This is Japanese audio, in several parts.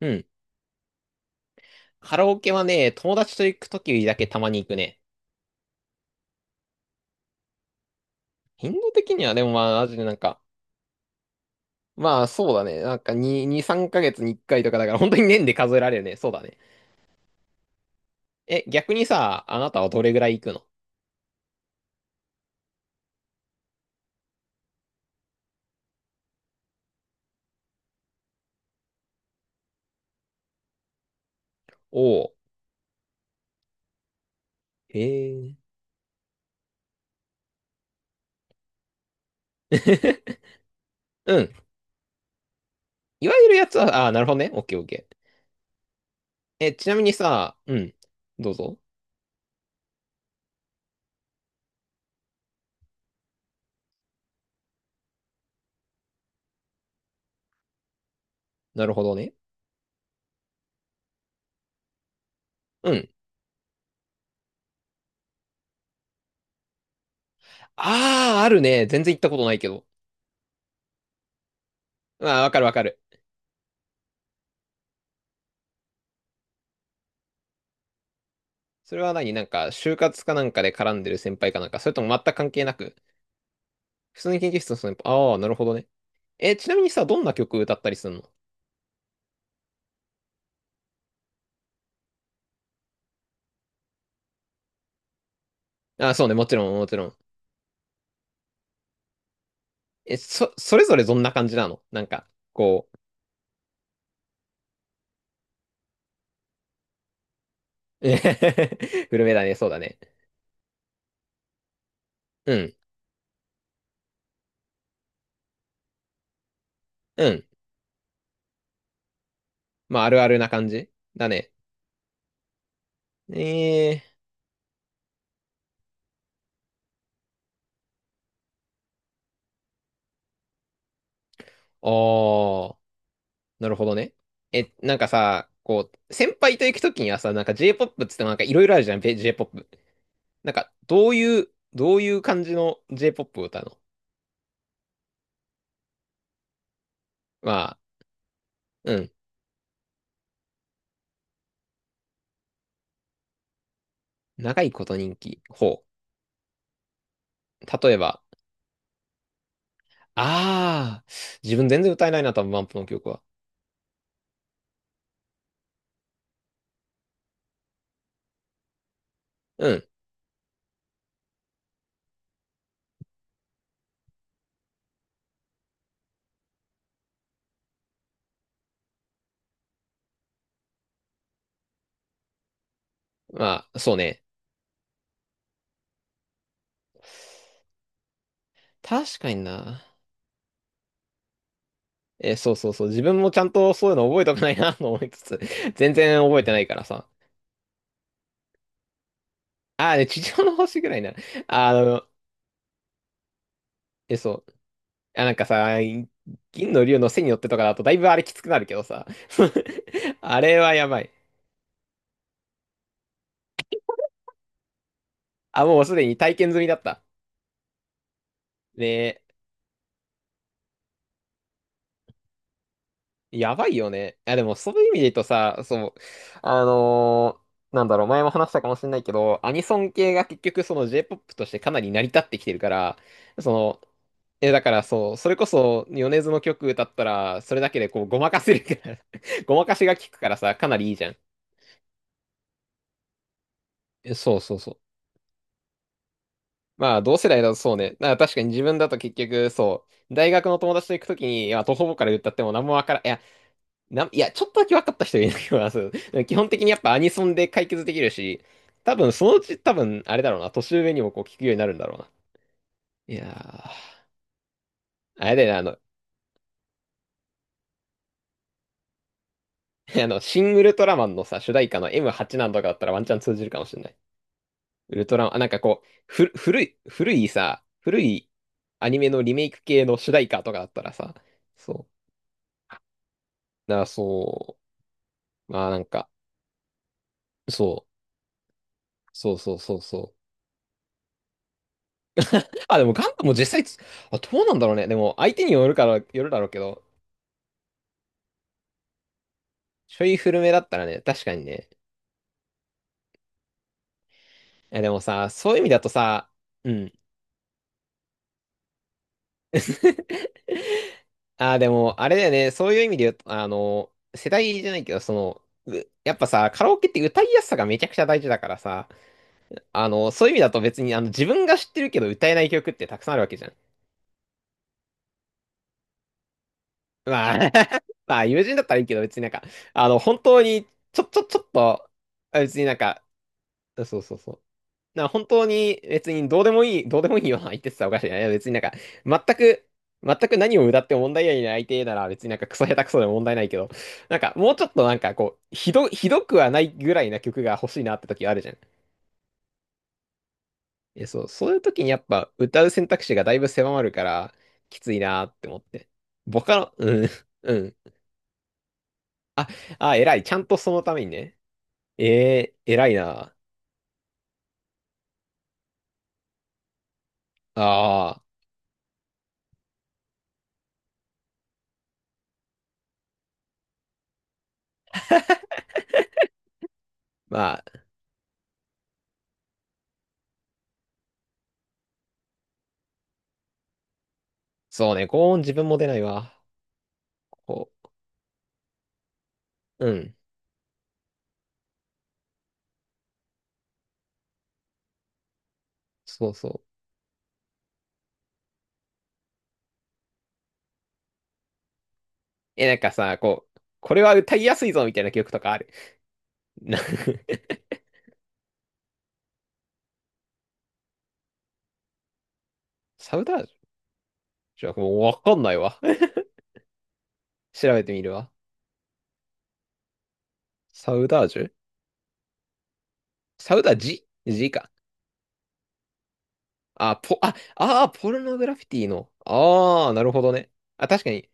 うん。カラオケはね、友達と行くときだけたまに行くね。頻度的にはでもまあ、マジでなんか、まあそうだね。なんか2、2、3ヶ月に1回とかだから本当に年で数えられるね。そうだね。え、逆にさ、あなたはどれぐらい行くの？おおー。へえ。うん。いわゆるやつは、あーなるほどね。オッケーオッケー。え、ちなみにさ、うん。どうぞ。なるほどね。うん。ああ、あるね。全然行ったことないけど。まあ、わかるわかる。それは何？なんか、就活かなんかで絡んでる先輩かなんか、それとも全く関係なく。普通に研究室の人に、ああ、なるほどね。え、ちなみにさ、どんな曲歌ったりするの？ああ、そうね、もちろん、もちろん。え、それぞれどんな感じなの？なんか、こう、古めだね、そうだね。うん、うん。まあ、あるあるな感じだね。えああ、なるほどね。え、なんかさ、こう、先輩と行くときにはさ、なんか J-POP っつってもなんかいろいろあるじゃん、J-POP。なんか、どういう感じの J-POP を歌うの？まあ、うん。長いこと人気。ほう。例えば、ああ、自分全然歌えないな、多分、バンプの曲は。うん。まあ、そうね。確かにな。え、そうそうそう。自分もちゃんとそういうの覚えたくないな、と思いつつ、全然覚えてないからさ。ああ、で、地上の星ぐらいな。あの、え、そう。あ、なんかさ、銀の竜の背に乗ってとかだと、だいぶあれきつくなるけどさ。あれはやばい。あ、もうすでに体験済みだった。ね、やばいよね。いや、でも、そういう意味で言うとさ、そう、なんだろう、前も話したかもしれないけど、アニソン系が結局、その J-POP としてかなり成り立ってきてるから、その、え、だからそう、それこそ、米津の曲歌ったら、それだけでこう、ごまかせるから ごまかしが効くからさ、かなりいいじゃん。え、そうそうそう。まあ、同世代だとそうね。だから確かに自分だと結局、そう、大学の友達と行くときに、いや、徒歩から歌っても何もわからん。な、いや、ちょっとだけ分かった人いるけど、そう基本的にやっぱアニソンで解決できるし、多分そのうち多分、あれだろうな、年上にもこう聞くようになるんだろうな。いやー、あれだよね、あの、あの、シン・ウルトラマンのさ、主題歌の M8 なんとかだったらワンチャン通じるかもしれない。ウルトラマン、あ、なんかこう、ふ、古い、古いさ、古いアニメのリメイク系の主題歌とかだったらさ、そう。だからそう、まあなんか、そう、そうそうそうそう。あ、でもガンダムも実際つ、あ、どうなんだろうね。でも相手によるから、よるだろうけど、ちょい古めだったらね、確かにね。え、でもさ、そういう意味だとさ、うん。ああでも、あれだよね、そういう意味で言うと、あの、世代じゃないけど、その、うやっぱさ、カラオケって歌いやすさがめちゃくちゃ大事だからさ、あの、そういう意味だと別に、あの、自分が知ってるけど歌えない曲ってたくさんあるわけじゃん。まあ、まあ、友人だったらいいけど、別になんか、あの、本当に、ちょっと、あ、別になんか、そうそうそう。な、本当に別にどうでもいい、どうでもいいような相手って言ったらおかしいな。いや別になんか、全く、全く何を歌っても問題ない相手なら別になんかクソ下手くそでも問題ないけど、なんかもうちょっとなんかこう、ひどくはないぐらいな曲が欲しいなって時あるじゃん。え、そう、そういう時にやっぱ歌う選択肢がだいぶ狭まるから、きついなって思って。ボカロ、うん、うん。あ、あ、偉い。ちゃんとそのためにね。偉いな。ああ、まあ、そうね、高音自分も出ないわ。こう、うん。そうそう。え、なんかさ、こう、これは歌いやすいぞみたいな曲とかある？な サウダージュじゃあもうわかんないわ。調べてみるわ。サウダージュサウダージジか。あ、ポ、あ、あー、ポルノグラフィティの。ああ、なるほどね。あ、確かに。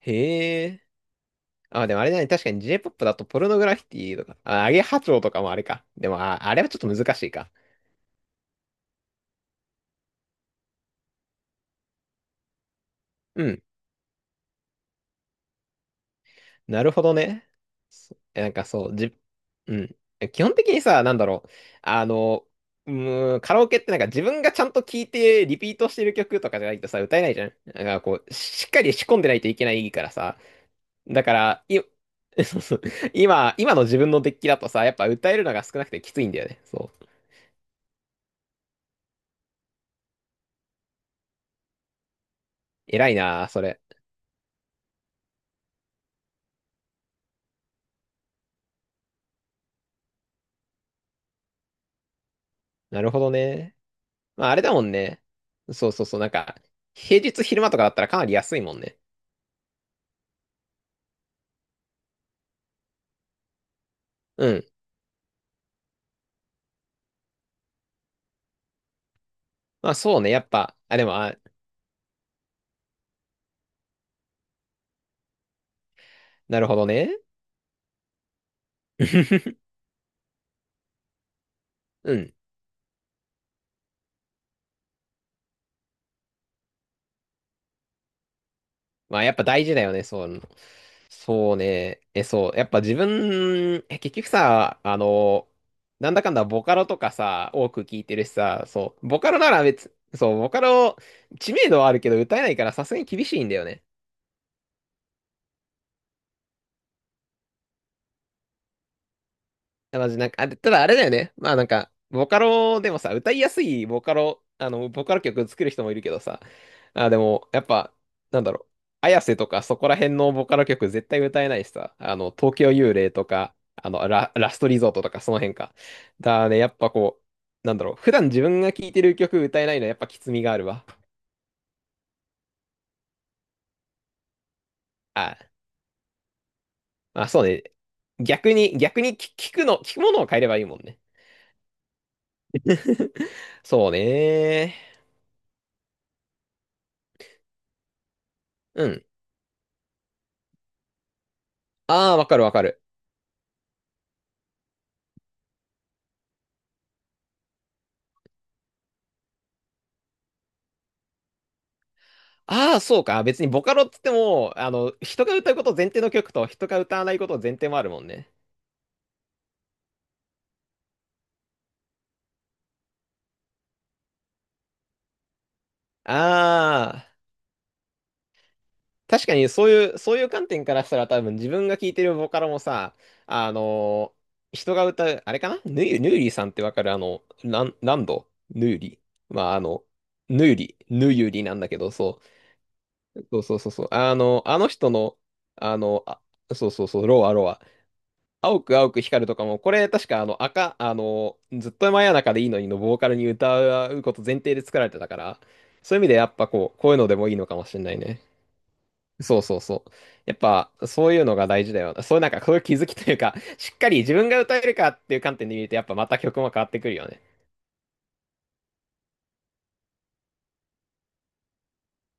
へえ。あ、でもあれだね。確かに J-POP だとポルノグラフィティとか、あ、アゲハチョウとかもあれか。でも、あ、あれはちょっと難しいか。うん、なるほどね。そえなんかそう、じ、うん。え、基本的にさ、なんだろう。あの、うカラオケってなんか自分がちゃんと聴いてリピートしてる曲とかじゃないとさ、歌えないじゃん。なんかこう、しっかり仕込んでないといけないからさ。だから、そうそう。今の自分のデッキだとさ、やっぱ歌えるのが少なくてきついんだよね。そう。偉いなあ、それ。なるほどね。まあ、あれだもんね。そうそうそう。なんか、平日昼間とかだったらかなり安いもんね。うん。まあ、そうね。やっぱ、あ、でも、あ、なるほどね。うん。まあやっぱ大事だよね、そういうの。そうね。え、そう。やっぱ自分、え、結局さ、あの、なんだかんだボカロとかさ、多く聞いてるしさ、そう。ボカロなら別、そう、ボカロ、知名度はあるけど歌えないからさすがに厳しいんだよね。いやマジなんか、あれ、ただあれだよね。まあなんか、ボカロでもさ、歌いやすいボカロ、あの、ボカロ曲作る人もいるけどさ、まあ、でも、やっぱ、なんだろう、あやせとかそこら辺のボカロ曲絶対歌えないしさ、あの、東京幽霊とか、あの、ラストリゾートとかその辺か。だね、やっぱこう、なんだろう、普段自分が聴いてる曲歌えないのはやっぱきつみがあるわ。あ、まあそうね。逆に聞くものを変えればいいもんね。そうね。うん。ああ、わかるわかる。ああ、そうか。別にボカロっつっても、あの、人が歌うこと前提の曲と人が歌わないこと前提もあるもんね。ああ、確かにそういう、そういう観点からしたら多分自分が聴いてるボカロもさ、あのー人が歌う、あれかな、ヌーリーさんってわかる？あの、ランドヌーリー。まあ、あの、ヌーリー、ヌーユリなんだけど、そう。そうそうそうそう。あの、あの人の、あの、あ、そうそうそう、ロアロア、青く青く光るとかも、これ確かあの赤、あの、ずっと真夜中でいいのにのボーカルに歌うこと前提で作られてたから、そういう意味でやっぱこう、こういうのでもいいのかもしれないね。そうそうそう。やっぱそういうのが大事だよな。そういうなんかそういう気づきというか、しっかり自分が歌えるかっていう観点で見るとやっぱまた曲も変わってくるよね。